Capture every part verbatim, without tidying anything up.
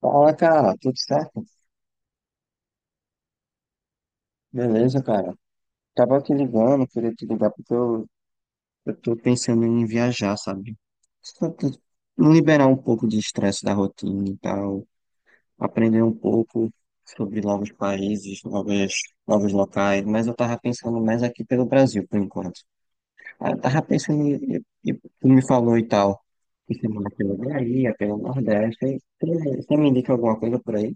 Fala, cara, tudo certo? Beleza, cara. Tava te ligando, queria te ligar porque eu, eu tô pensando em viajar, sabe? Só te- Liberar um pouco de estresse da rotina e tal, aprender um pouco sobre novos países, novas, novos locais, mas eu tava pensando mais aqui pelo Brasil, por enquanto. Aí eu tava pensando, em- e, e tu me falou e tal, que você mora pela Bahia, pelo Nordeste, aí você você me indica alguma coisa por aí?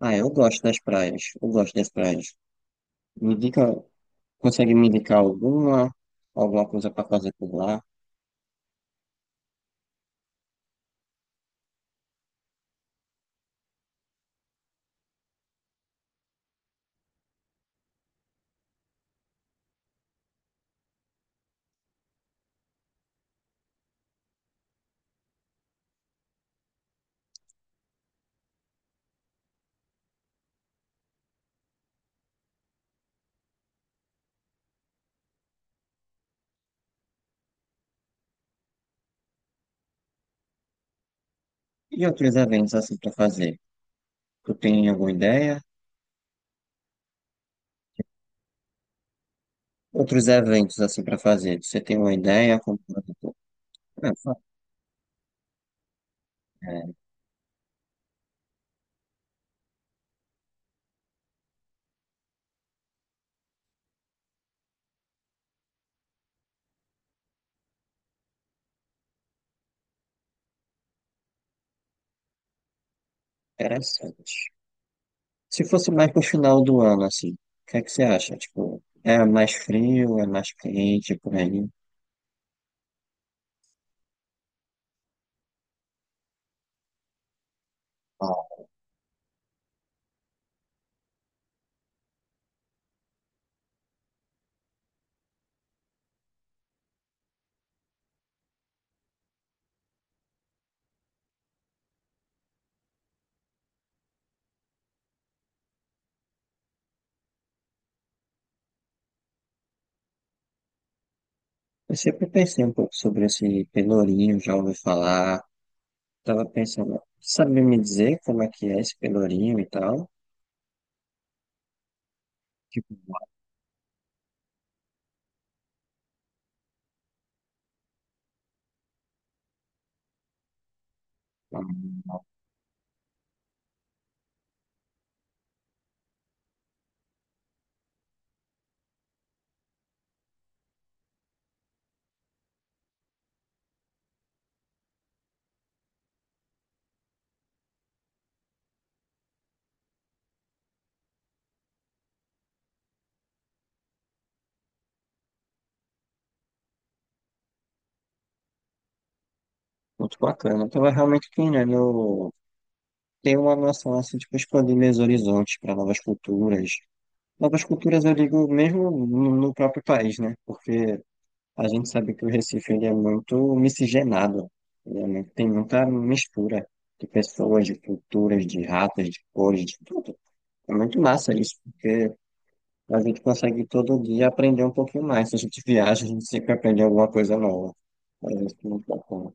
Ah, eu gosto das praias, eu gosto das praias. Me indica Consegue me indicar alguma, alguma coisa para fazer por lá? E outros eventos assim para fazer? Tu tem alguma ideia? Outros eventos assim para fazer? Você tem uma ideia? Como, por exemplo, é, fa- é interessante. Se fosse mais pro final do ano, assim, o que é que você acha? Tipo, é mais frio, é mais quente, é por aí? Ó, eu sempre pensei um pouco sobre esse Pelourinho, já ouvi falar. Tava pensando, sabe me dizer como é que é esse Pelourinho e tal? Tipo, muito bacana. Então é realmente, que, né, querendo ter uma noção, assim, tipo, expandir meus horizontes para novas culturas. Novas culturas, eu digo, mesmo no no próprio país, né? Porque a gente sabe que o Recife, ele é muito miscigenado. Ele é muito- tem muita mistura de pessoas, de culturas, de raças, de cores, de tudo. É muito massa isso, porque a gente consegue todo dia aprender um pouquinho mais. Se a gente viaja, a gente sempre aprende alguma coisa nova. É isso, muito bacana.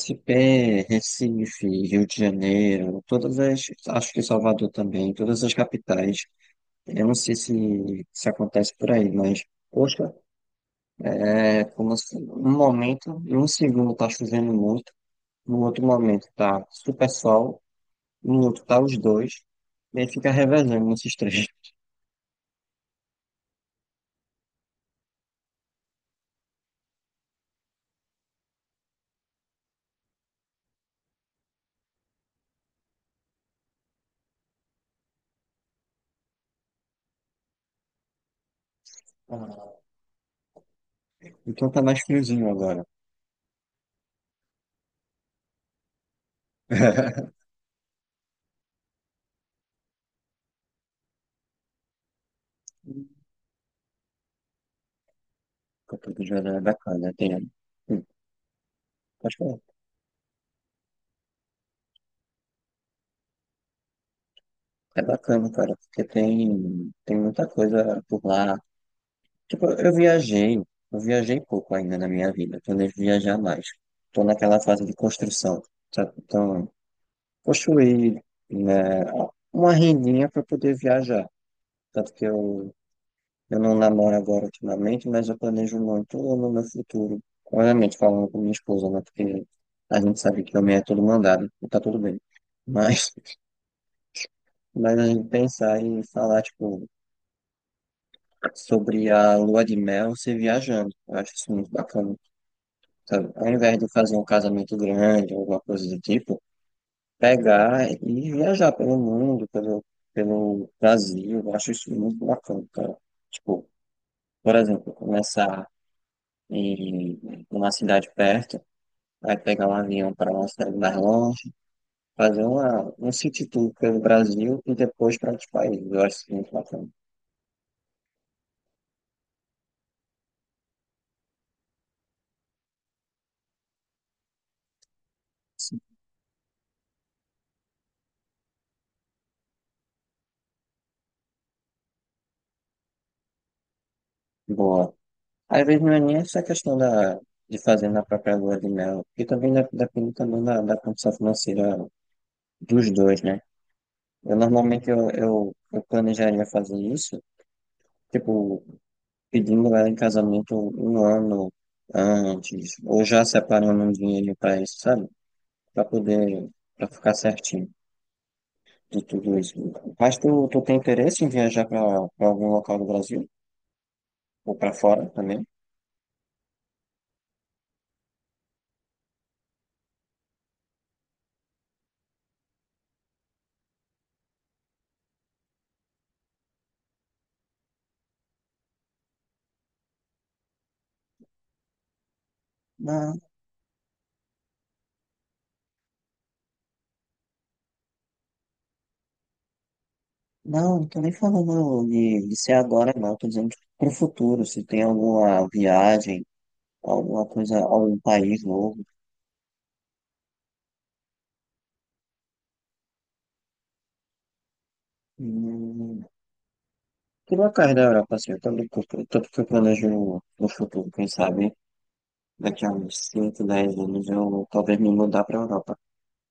S P, Recife, Rio de Janeiro, todas as, acho que Salvador também, todas as capitais. Eu não sei se, se acontece por aí, mas, poxa, é como se um momento, em um segundo tá chovendo muito, no outro momento tá super sol, no outro tá os dois, e aí fica revezando nesses três. Ah, então tá mais friozinho agora. Campo do Jordão é bacana, tem. Hum. Acho que é é bacana, cara, porque tem, tem, muita coisa por lá. Tipo, eu viajei, eu viajei pouco ainda na minha vida, planejo viajar mais. Estou naquela fase de construção, sabe? Então, construir, né, uma rendinha para poder viajar. Tanto que eu, eu não namoro agora ultimamente, mas eu planejo muito no meu futuro. Obviamente, falando com minha esposa, né? Porque a gente sabe que homem é todo mandado, e tá tudo bem. Mas, mas a gente pensar e falar, tipo, sobre a lua de mel, ser viajando. Eu acho isso muito bacana. Sabe? Ao invés de fazer um casamento grande, alguma coisa do tipo, pegar e viajar pelo mundo, pelo, pelo Brasil, eu acho isso muito bacana, cara. Tipo, por exemplo, começar em uma cidade perto, aí pegar um avião para uma cidade mais longe, fazer uma, um city tour pelo Brasil e depois para outros países, eu acho isso muito bacana. Boa. Às vezes não é nem essa questão da, de fazer na própria lua de mel, porque também dep- depende também da, da, condição financeira dos dois, né? Eu normalmente eu, eu, eu planejaria fazer isso, tipo, pedindo ela em casamento um ano antes, ou já separando um dinheiro pra isso, sabe? Pra poder, pra ficar certinho de tudo isso. Mas tu, tu, tem interesse em viajar pra pra algum local do Brasil? Ou pra fora também? Não, não, não tô nem falando de, de ser agora, não. Tô dizendo que pro futuro, se tem alguma viagem, alguma coisa, algum país novo. Hum. Por locais da Europa, assim, eu também curto, tanto que eu planejo no futuro, quem sabe, daqui a uns cinco dez anos eu talvez me mudar para a Europa.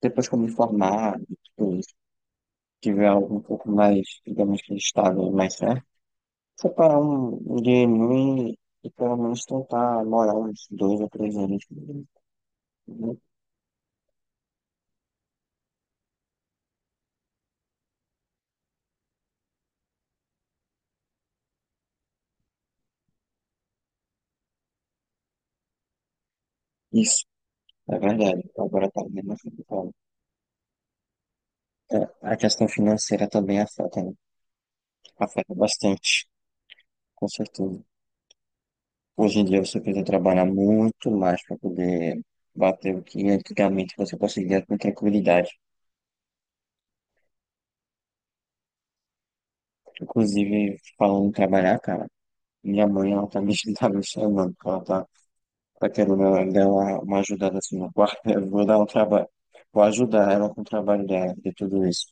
Depois que eu me formar e tudo isso, tiver algo um pouco mais, digamos que estável, e mais certo, separar um, um dinheirinho e, e pelo menos tentar morar uns dois ou três anos, né? Isso, é verdade. Agora tá bem mais complicado. É, a questão financeira também afeta, né? Afeta bastante, com certeza. Hoje em dia você precisa trabalhar muito mais para poder bater o que antigamente você conseguia com tranquilidade. Inclusive, falando em trabalhar, cara, minha mãe, ela tá me, tá me chamando, porque ela tá, tá querendo ela- dar uma, uma, ajudada assim no quarto. Eu vou dar um trabalho, vou ajudar ela com o trabalho dela, de tudo isso.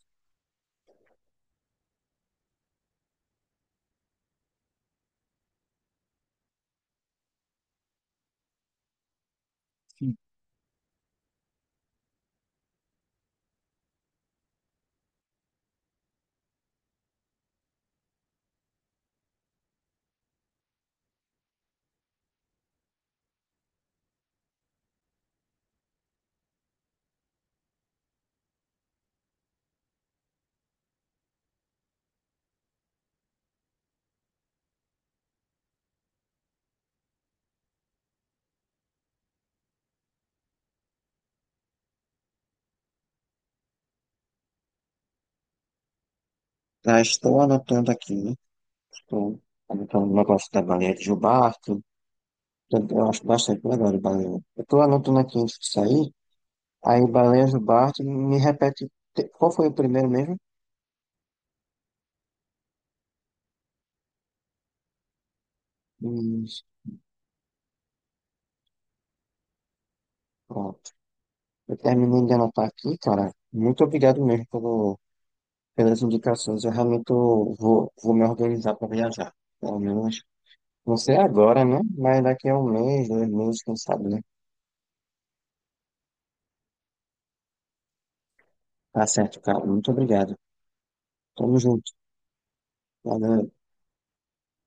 Já estou anotando aqui, né? Estou anotando o negócio da baleia de Gilbarto. Eu eu acho bastante legal de baleia. Eu estou anotando aqui antes de sair. Aí Baleias do Bártaro, me repete, te- qual foi o primeiro mesmo? Isso, pronto. Eu terminei de anotar aqui, cara. Muito obrigado mesmo pelo, pelas indicações. Eu realmente tô- vou, vou me organizar para viajar. Pelo menos, não sei agora, né? Mas daqui a um mês, dois meses, quem sabe, né? Tá certo, cara. Muito obrigado. Tamo junto. Valeu.